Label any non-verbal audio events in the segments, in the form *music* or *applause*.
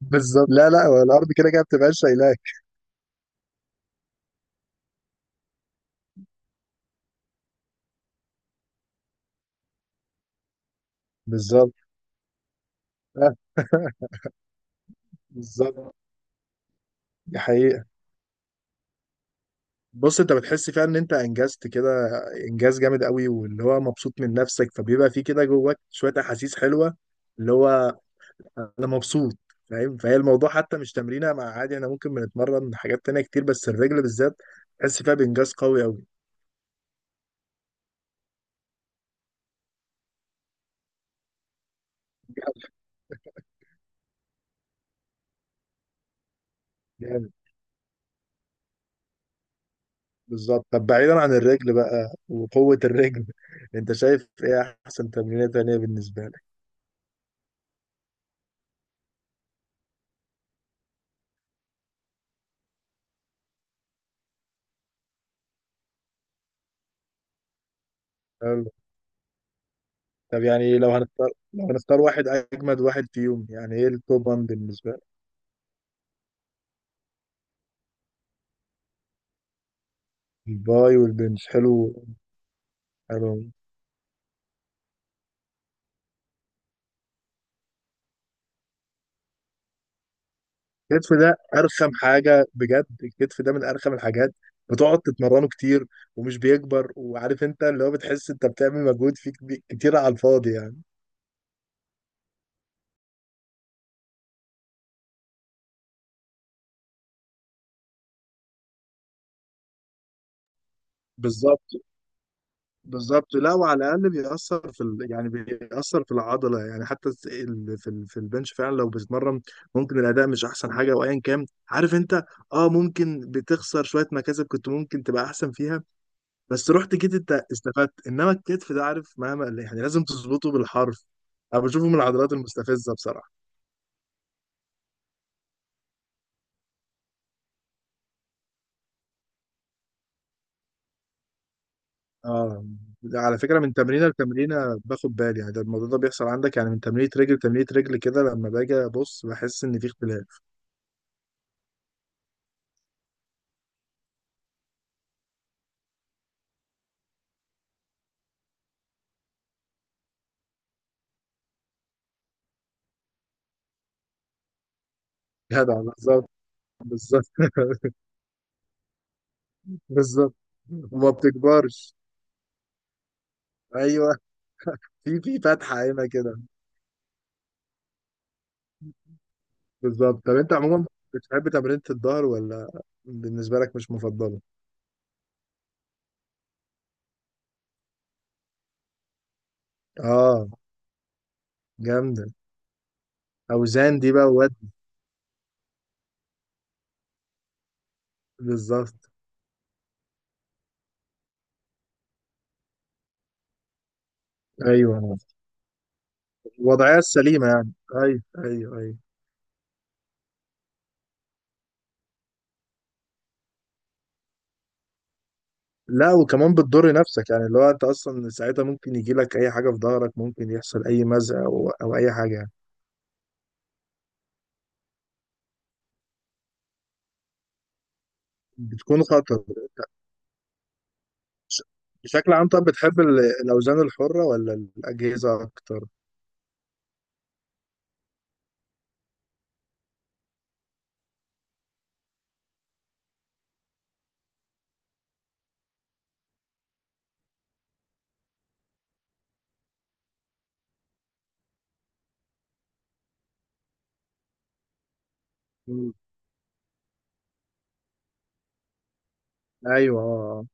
بالظبط. لا لا، هو الارض كده كده بتبقى شايلاك. بالظبط. *laughs* بالظبط. دي حقيقة. بص، انت بتحس فيها ان انت انجزت كده انجاز جامد قوي، واللي هو مبسوط من نفسك، فبيبقى في كده جواك شوية احاسيس حلوة اللي هو انا مبسوط، فاهم؟ فهي الموضوع حتى مش تمرينة مع عادي، احنا ممكن بنتمرن حاجات تانية كتير بس الرجل بالذات تحس فيها بانجاز قوي قوي. جامد. بالظبط، طب بعيدا عن الرجل بقى وقوة الرجل، *laughs* انت شايف ايه احسن تمرينة تانية بالنسبة لك؟ طب يعني لو هنختار واحد اجمد واحد فيهم، يعني ايه التوب 1 بالنسبه لك؟ الباي والبنش، حلو. حلو. الكتف ده ارخم حاجه بجد، الكتف ده من ارخم الحاجات، بتقعد تتمرنه كتير ومش بيكبر، وعارف انت اللي هو بتحس انت بتعمل مجهود فيه كتير على الفاضي يعني. بالظبط. بالظبط، لا، وعلى الاقل بيأثر في ال... يعني بيأثر في العضله، يعني حتى في ال... في البنش فعلا لو بتتمرن ممكن الاداء مش احسن حاجه وايا كان، عارف انت، اه، ممكن بتخسر شويه مكاسب كنت ممكن تبقى احسن فيها، بس رحت جيت انت استفدت. انما الكتف ده، عارف، مهما يعني لازم تظبطه بالحرف. انا بشوفه من العضلات المستفزه بصراحه. اه. ده على فكره من تمرينه لتمرينه باخد بالي، يعني ده الموضوع ده بيحصل عندك؟ يعني من تمرينه رجل لتمرينه رجل كده لما باجي ابص بحس ان في اختلاف. *laughs* جدع، بالظبط. بالظبط. *laughs* بالظبط. وما بتكبرش. ايوه. *laughs* في فتحه هنا كده. بالظبط، طب انت عموما بتحب تمرينة الظهر ولا بالنسبه لك مش مفضله؟ اه جامده. اوزان دي بقى واد. بالظبط. ايوه، الوضعيه السليمه يعني. ايوه ايوه ايوه. لا، وكمان بتضر نفسك، يعني اللي هو انت اصلا ساعتها ممكن يجي لك اي حاجه في ظهرك، ممكن يحصل اي مزق او اي حاجه يعني. بتكون خطر. بش- بشكل عام، طب بتحب ال- الأوزان الحرة ولا الأجهزة أكتر؟ مم. أيوه. آه. آه.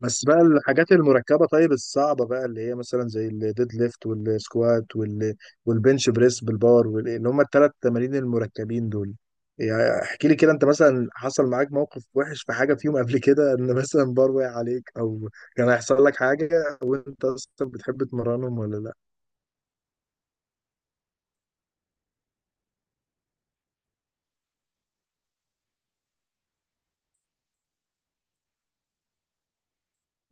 بس بقى الحاجات المركبة، طيب الصعبة بقى اللي هي مثلا زي الديد ليفت والسكوات وال... والبنش بريس بالبار وال... اللي هم الثلاث تمارين المركبين دول. يعني احكي لي كده، انت مثلا حصل معاك موقف وحش في حاجة فيهم قبل كده؟ ان مثلا بار وقع عليك او كان هيحصل لك حاجة، وانت اصلا بتحب تمرنهم ولا لا؟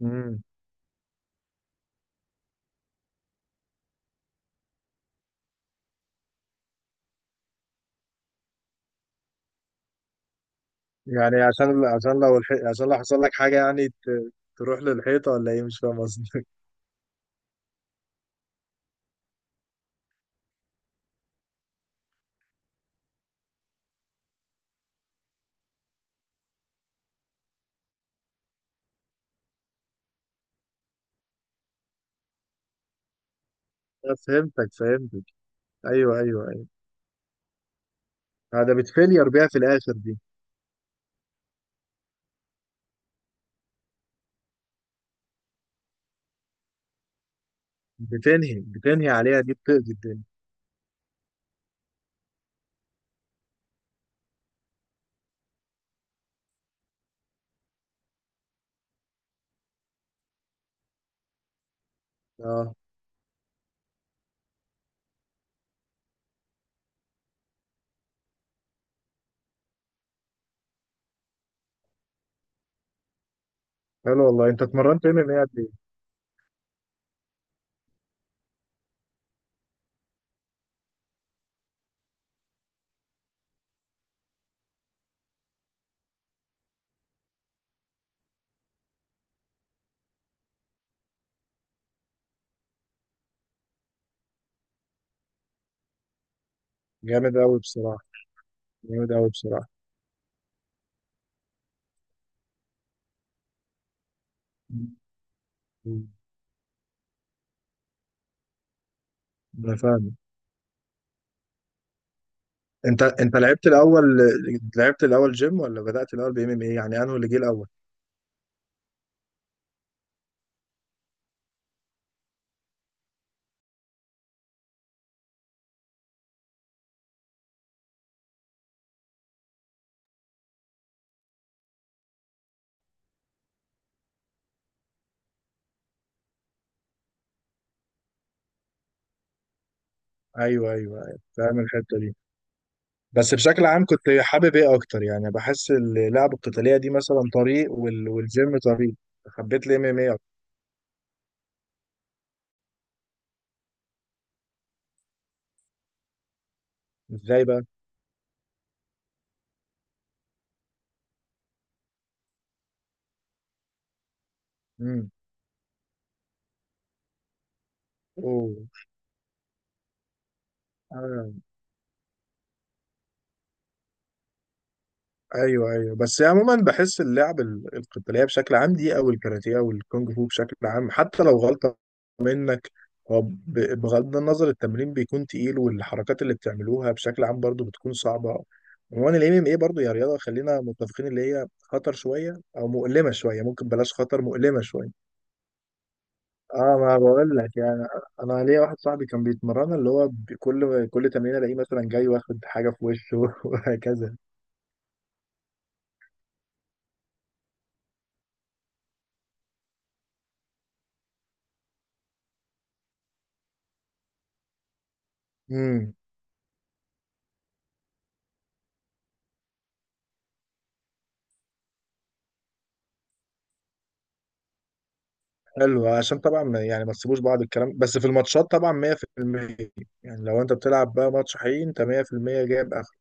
مم. يعني عشان لو عشان لو حصل لك حاجة يعني تروح للحيطة ولا ايه، مش فاهم قصدك. *laughs* أنا فهمتك فهمتك. ايوه ايوه ايوه. آه، ده بتفيلير بيها في الاخر دي. بتنهي بتنهي عليها دي، بتقضي الدنيا. اه. حلو والله، انت اتمرنت ام ام ايه قد ايه؟ جامد قوي بصراحة. جامد قوي بصراحة. مم. انا فاهم. انت لعبت الاول، لعبت الاول جيم ولا بدأت الاول بام ام ايه يعني، انه اللي جه الاول؟ ايوه ايوه أيوة. فاهم الحتة دي. بس بشكل عام كنت حابب ايه اكتر يعني، بحس اللعبة القتالية دي مثلا طريق وال... والجيم طريق؟ حبيت الام ام اي. ازاي بقى؟ امم. اوه. آه. ايوه ايوه، بس عموما بحس اللعب القتالية بشكل عام دي او الكاراتيه او الكونج فو بشكل عام، حتى لو غلطة منك، هو بغض النظر التمرين بيكون تقيل، والحركات اللي بتعملوها بشكل عام برضو بتكون صعبة. عموما الام ام اي برضه يا رياضة خلينا متفقين اللي هي خطر شوية او مؤلمة شوية، ممكن بلاش خطر، مؤلمة شوية. اه، ما بقول لك يعني. انا ليا واحد صاحبي كان بيتمرن اللي هو كل تمرين الاقيه مثلا جاي واخد حاجه في وشه *laughs* وهكذا. امم. حلو، عشان طبعا يعني ما تسيبوش بعض الكلام، بس في الماتشات طبعا 100%، يعني لو انت بتلعب بقى ماتش حقيقي انت 100%. جايب اخر.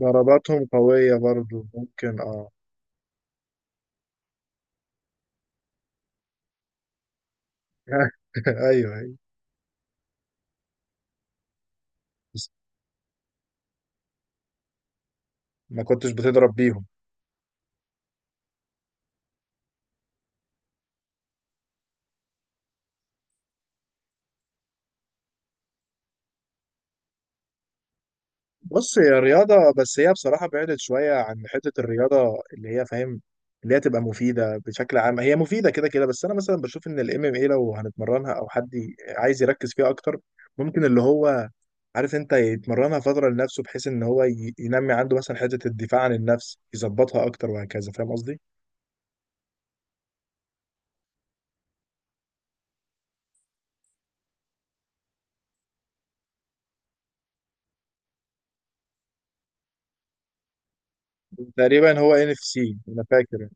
ضرباتهم قويه برضو، ممكن اه. *laughs* ايوه ايوه. بس ما كنتش بتضرب بيهم؟ بص هي رياضة، بس هي بصراحة بعدت شوية عن حتة الرياضة اللي هي فاهم، اللي هي تبقى مفيدة بشكل عام، هي مفيدة كده كده، بس أنا مثلا بشوف إن الام ام اي لو هنتمرنها أو حد عايز يركز فيها أكتر، ممكن اللي هو، عارف أنت، يتمرنها فترة لنفسه، بحيث إن هو ينمي عنده مثلا حتة الدفاع عن النفس، يظبطها أكتر وهكذا، فاهم قصدي؟ تقريبا هو UFC أنا فاكر.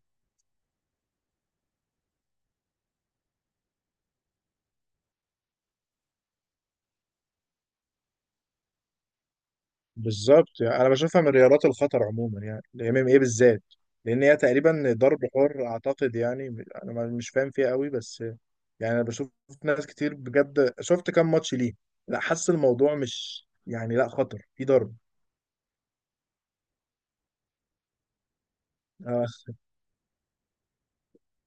بالظبط، يعني انا بشوفها من رياضات الخطر عموما يعني الام ام ايه بالذات، لان هي تقريبا ضرب حر اعتقد يعني. انا مش فاهم فيها قوي، بس يعني انا بشوف ناس كتير بجد، شفت كام ماتش ليه، لا حاسس الموضوع مش يعني، لا، خطر في ضرب. آه.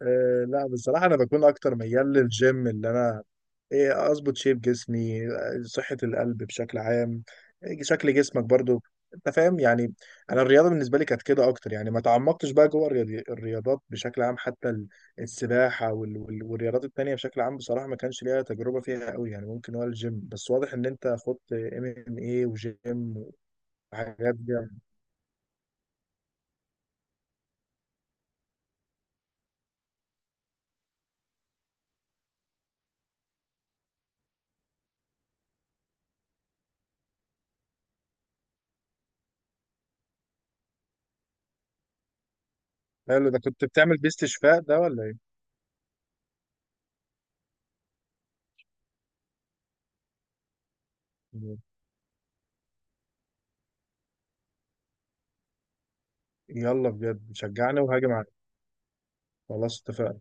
آه، لا بصراحة أنا بكون أكتر ميال للجيم، اللي أنا إيه أظبط شيب جسمي، آه، صحة القلب بشكل عام، آه، شكل جسمك برضو. أنت فاهم يعني. أنا الرياضة بالنسبة لي كانت كده أكتر، يعني ما تعمقتش بقى جوه الرياضات بشكل عام، حتى السباحة والرياضات التانية بشكل عام، بصراحة ما كانش ليها تجربة فيها قوي يعني، ممكن هو الجيم بس، واضح إن أنت خدت ام ام ايه وجيم وحاجات دي. حلو، ده كنت بتعمل بيه استشفاء ده ولا إيه؟ يلا بجد شجعني وهاجي معاك. خلاص، اتفقنا.